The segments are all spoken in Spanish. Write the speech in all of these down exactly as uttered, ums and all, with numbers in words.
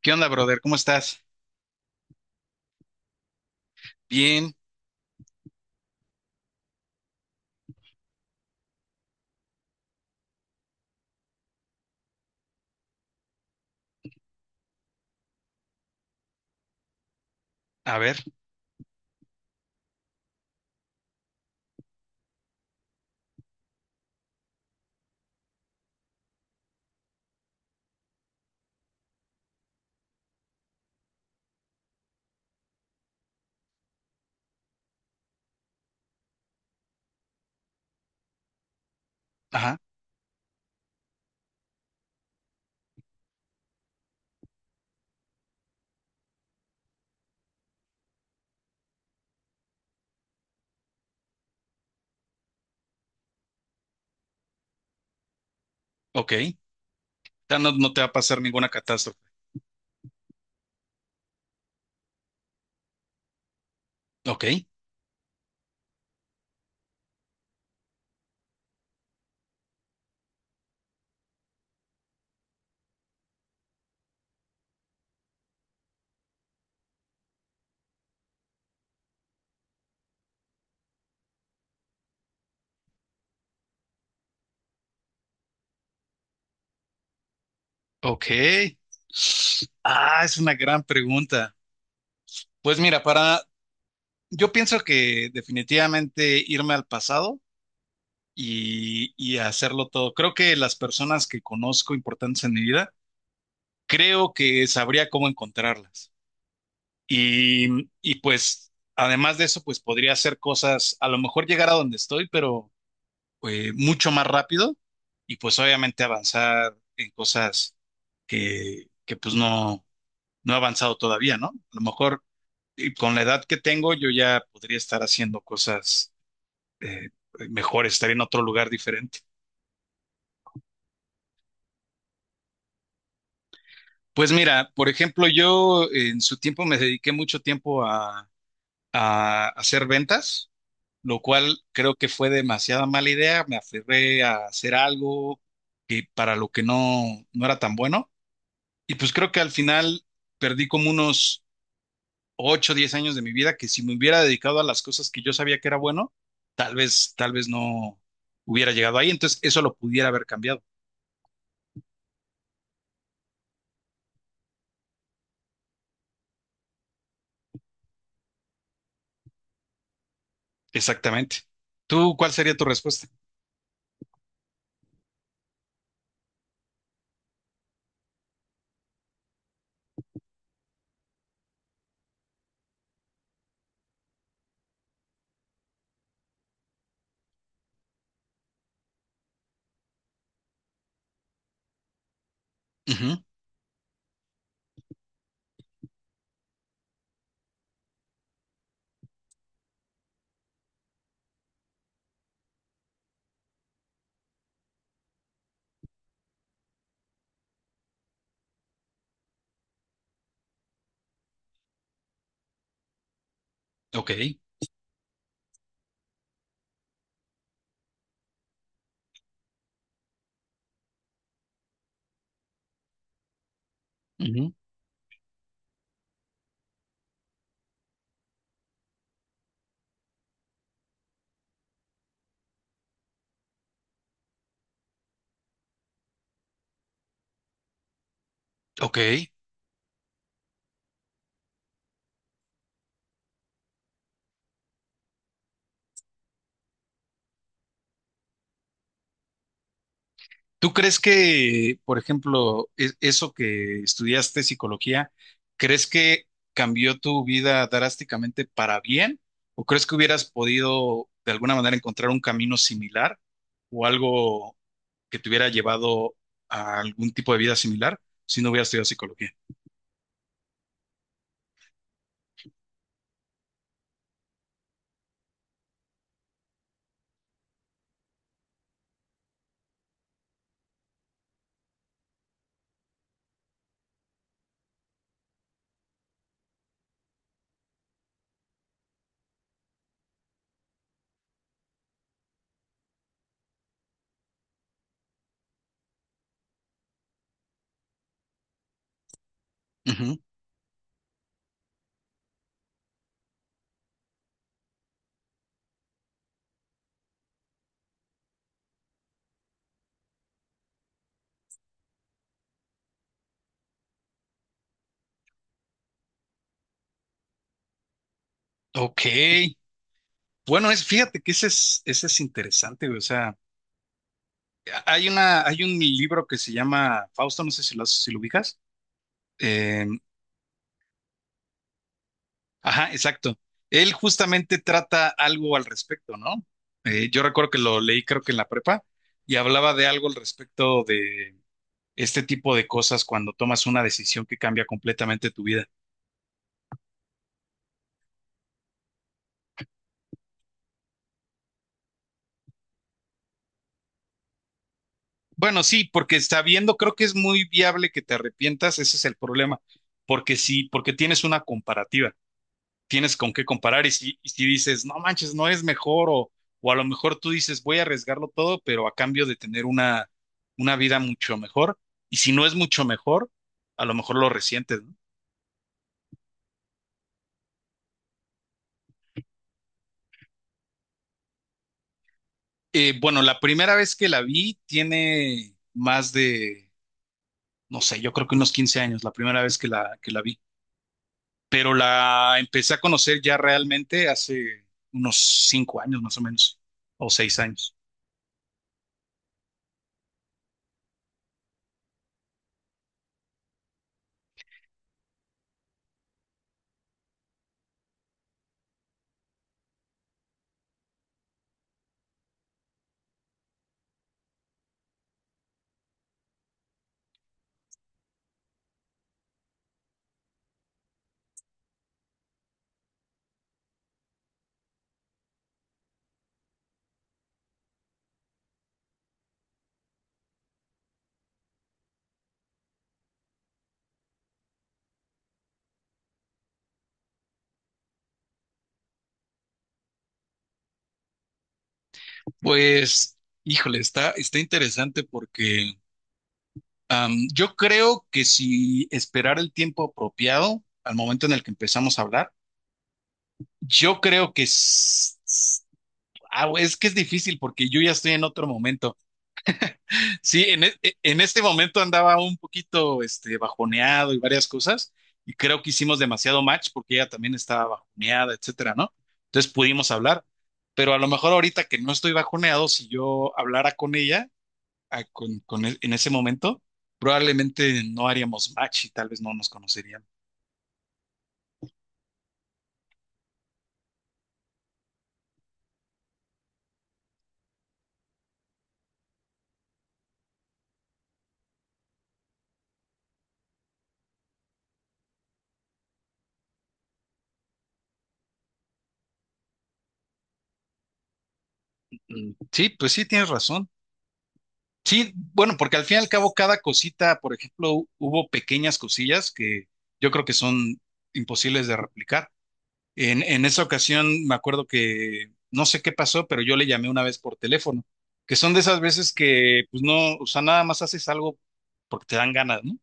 ¿Qué onda, brother? ¿Cómo estás? Bien. A ver. Ajá. Ok. Ya no, no te va a pasar ninguna catástrofe. Ok. Ok. Ah, es una gran pregunta. Pues mira, para... yo pienso que definitivamente irme al pasado y, y hacerlo todo. Creo que las personas que conozco importantes en mi vida, creo que sabría cómo encontrarlas. Y, y pues, además de eso, pues podría hacer cosas, a lo mejor llegar a donde estoy, pero, eh, mucho más rápido y pues obviamente avanzar en cosas que, que pues no, no he avanzado todavía, ¿no? A lo mejor y con la edad que tengo yo ya podría estar haciendo cosas eh, mejores, estar en otro lugar diferente. Pues mira, por ejemplo, yo en su tiempo me dediqué mucho tiempo a, a hacer ventas, lo cual creo que fue demasiada mala idea. Me aferré a hacer algo que para lo que no, no era tan bueno. Y pues creo que al final perdí como unos ocho o diez años de mi vida que si me hubiera dedicado a las cosas que yo sabía que era bueno, tal vez, tal vez no hubiera llegado ahí. Entonces eso lo pudiera haber cambiado. Exactamente. ¿Tú cuál sería tu respuesta? Ujú. Ok. Ujú. Ok. ¿Tú crees que, por ejemplo, e- eso que estudiaste psicología, crees que cambió tu vida drásticamente para bien? ¿O crees que hubieras podido de alguna manera encontrar un camino similar o algo que te hubiera llevado a algún tipo de vida similar si no hubieras estudiado psicología? Ujú. Ok. Bueno, es, fíjate que ese es, ese es interesante, güey. O sea, hay una, hay un libro que se llama Fausto, no sé si lo, has- si lo ubicas. Em, Ajá, exacto. Él justamente trata algo al respecto, ¿no? Eh, yo recuerdo que lo leí creo que en la prepa y hablaba de algo al respecto de este tipo de cosas cuando tomas una decisión que cambia completamente tu vida. Bueno, sí, porque sabiendo creo que es muy viable que te arrepientas, ese es el problema, porque sí, porque tienes una comparativa. Tienes con qué comparar y si, y si dices, no manches, no es mejor o, o a lo mejor tú dices, voy a arriesgarlo todo, pero a cambio de tener una, una vida mucho mejor y si no es mucho mejor, a lo mejor lo resientes, ¿no? Eh, bueno, la primera vez que la vi tiene más de, no sé, yo creo que unos quince años, la primera vez que la, que la vi, pero la empecé a conocer ya realmente hace unos cinco años más o menos, o seis años. Pues, híjole, está, está interesante porque Am, yo creo que si esperar el tiempo apropiado al momento en el que empezamos a hablar, yo creo que s- s- ah, güey, es que es difícil porque yo ya estoy en otro momento. Sí, en, e- e- en este momento andaba un poquito este, bajoneado y varias cosas, y creo que hicimos demasiado match porque ella también estaba bajoneada, etcétera, ¿no? Entonces pudimos hablar, pero a lo mejor ahorita que no estoy bajoneado, si yo hablara con ella a- con, con e- en ese momento, probablemente no haríamos match y tal vez no nos conoceríamos. Mm, Sí, pues sí, tienes razón. Sí, bueno, porque al fin y al cabo cada cosita, por ejemplo, hu- hubo pequeñas cosillas que yo creo que son imposibles de replicar. En, en esa ocasión me acuerdo que no sé qué pasó, pero yo le llamé una vez por teléfono, que son de esas veces que pues no, o sea, nada más haces algo porque te dan ganas, ¿no?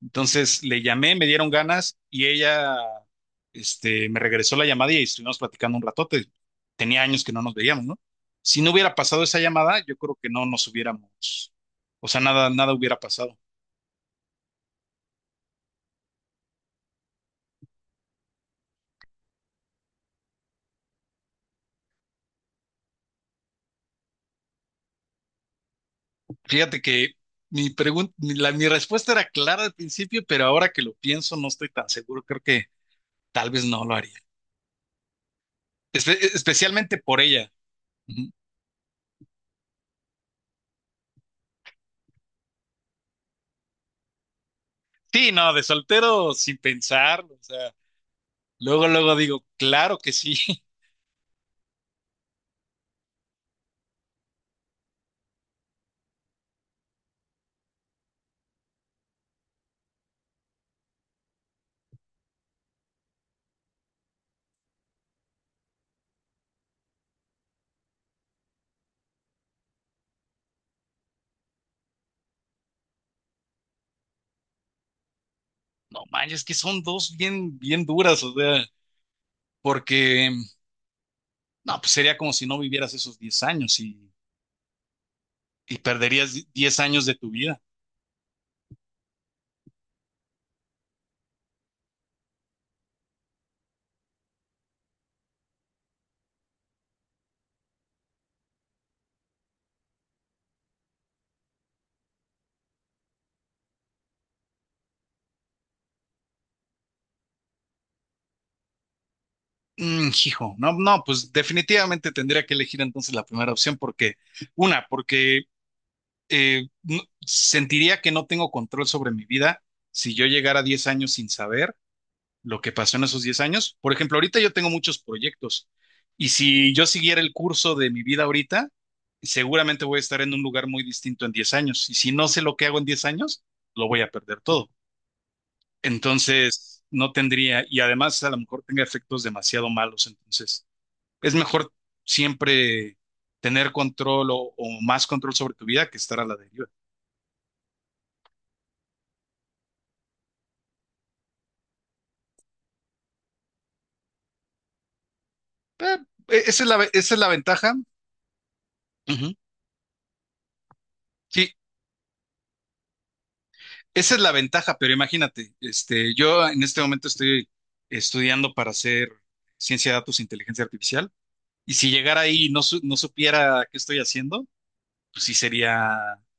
Entonces le llamé, me dieron ganas y ella, este, me regresó la llamada y estuvimos platicando un ratote. Tenía años que no nos veíamos, ¿no? Si no hubiera pasado esa llamada, yo creo que no nos hubiéramos, o sea, nada, nada hubiera pasado. Fíjate que mi pregunta, mi, la- mi respuesta era clara al principio, pero ahora que lo pienso no estoy tan seguro. Creo que tal vez no lo haría. Espe- especialmente por ella. Ujú. Sí, no, de soltero sin pensar, o sea, luego, luego digo, claro que sí. No manches, que son dos bien, bien duras, o sea, porque no, pues sería como si no vivieras esos diez años y, y perderías di- diez años de tu vida. Mm, hijo, no, no, pues definitivamente tendría que elegir entonces la primera opción porque, una, porque eh, no- sentiría que no tengo control sobre mi vida si yo llegara a diez años sin saber, lo que pasó en esos diez años. Por ejemplo, ahorita yo tengo muchos proyectos y si yo siguiera el curso de mi vida ahorita, seguramente voy a estar en un lugar muy distinto en diez años. Y si no sé lo que hago en diez años, lo voy a perder todo. Entonces, no tendría, y además a lo mejor tenga efectos demasiado malos. Entonces, es mejor siempre tener control o, o más control sobre tu vida que estar a la deriva. Eh, esa es la, ve- Esa es la ventaja. Ujú. Sí, esa es la ventaja, pero imagínate, este, yo en este momento estoy estudiando para hacer ciencia de datos e inteligencia artificial, y si llegara ahí y no, su- no supiera qué estoy haciendo, pues sí sería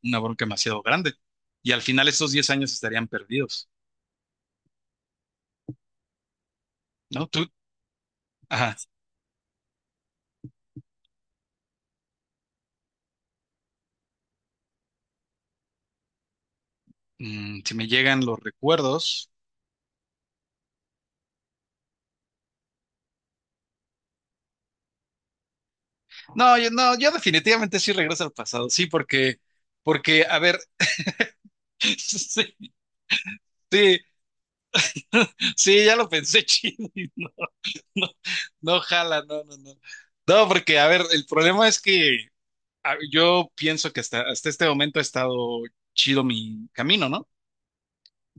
una bronca demasiado grande. Y al final estos diez años estarían perdidos, ¿no? Tú. Ajá. Mm, si me llegan los recuerdos. No, yo, no, yo definitivamente sí regreso al pasado, sí, porque, porque, a ver, sí, sí, sí, ya lo pensé chido. No, no jala, no, no, no. No, porque, a ver, el problema es que a- yo pienso que hasta, hasta este momento ha estado chido mi camino, ¿no?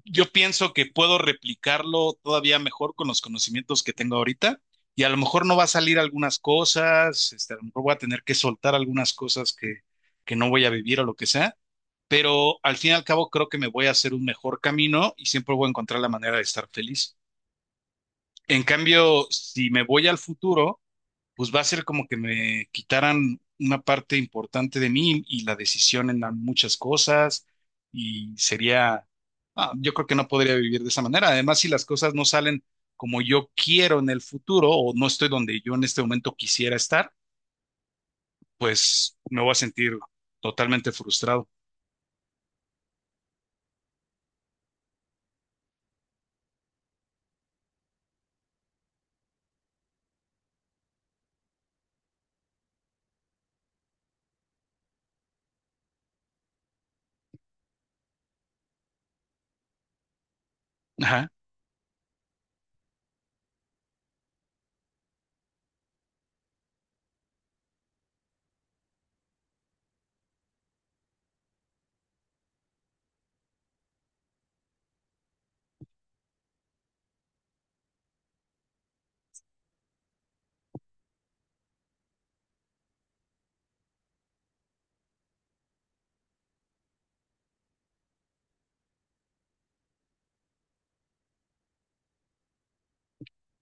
Yo pienso que puedo replicarlo todavía mejor con los conocimientos que tengo ahorita y a lo mejor no va a salir algunas cosas, este, a lo mejor voy a tener que soltar algunas cosas que, que no voy a vivir o lo que sea, pero al fin y al cabo creo que me voy a hacer un mejor camino y siempre voy a encontrar la manera de estar feliz. En cambio, si me voy al futuro pues va a ser como que me quitaran una parte importante de mí y la decisión en muchas cosas y sería, ah, yo creo que no podría vivir de esa manera. Además, si las cosas no salen como yo quiero en el futuro o no estoy donde yo en este momento quisiera estar, pues me voy a sentir totalmente frustrado. Ajá,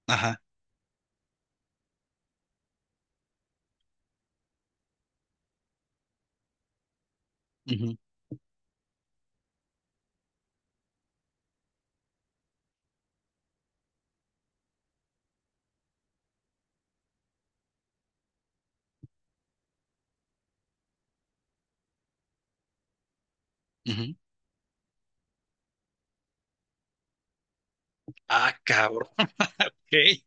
ajá. Ujú, ujú. Ah, cabrón. Ok.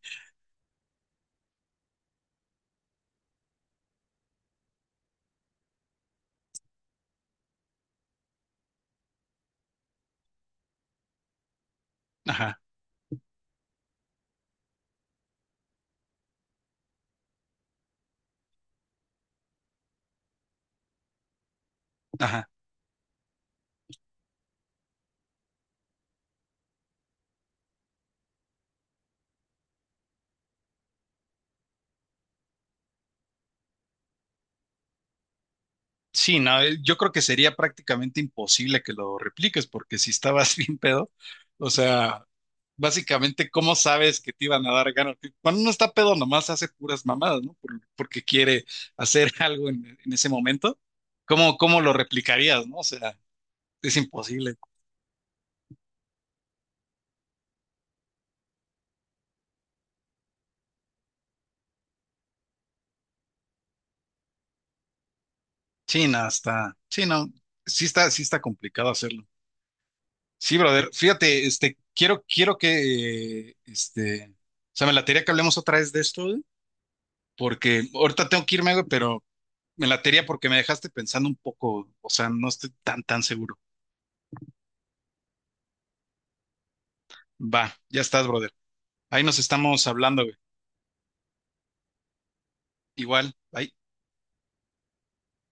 Ajá, ajá. Sí, no, eh, yo creo que sería prácticamente imposible que lo repliques, porque si estabas bien pedo, o sea, básicamente, ¿cómo sabes que te iban a dar ganas? Que cuando uno está pedo, nomás hace puras mamadas, ¿no? Por- porque quiere hacer algo en, en ese momento. ¿Cómo, cómo lo replicarías, no? O sea, es imposible. Sí, no, está, sí, no, sí está, sí está complicado hacerlo. Sí, brother, fíjate, este, quiero, quiero que, eh, este, o sea, me la latería que hablemos otra vez de esto, ¿eh? Porque ahorita tengo que irme, güey, pero me latería porque me dejaste pensando un poco, o sea, no estoy tan, tan seguro. Va, ya estás, brother. Ahí nos estamos hablando, güey. Igual, bye.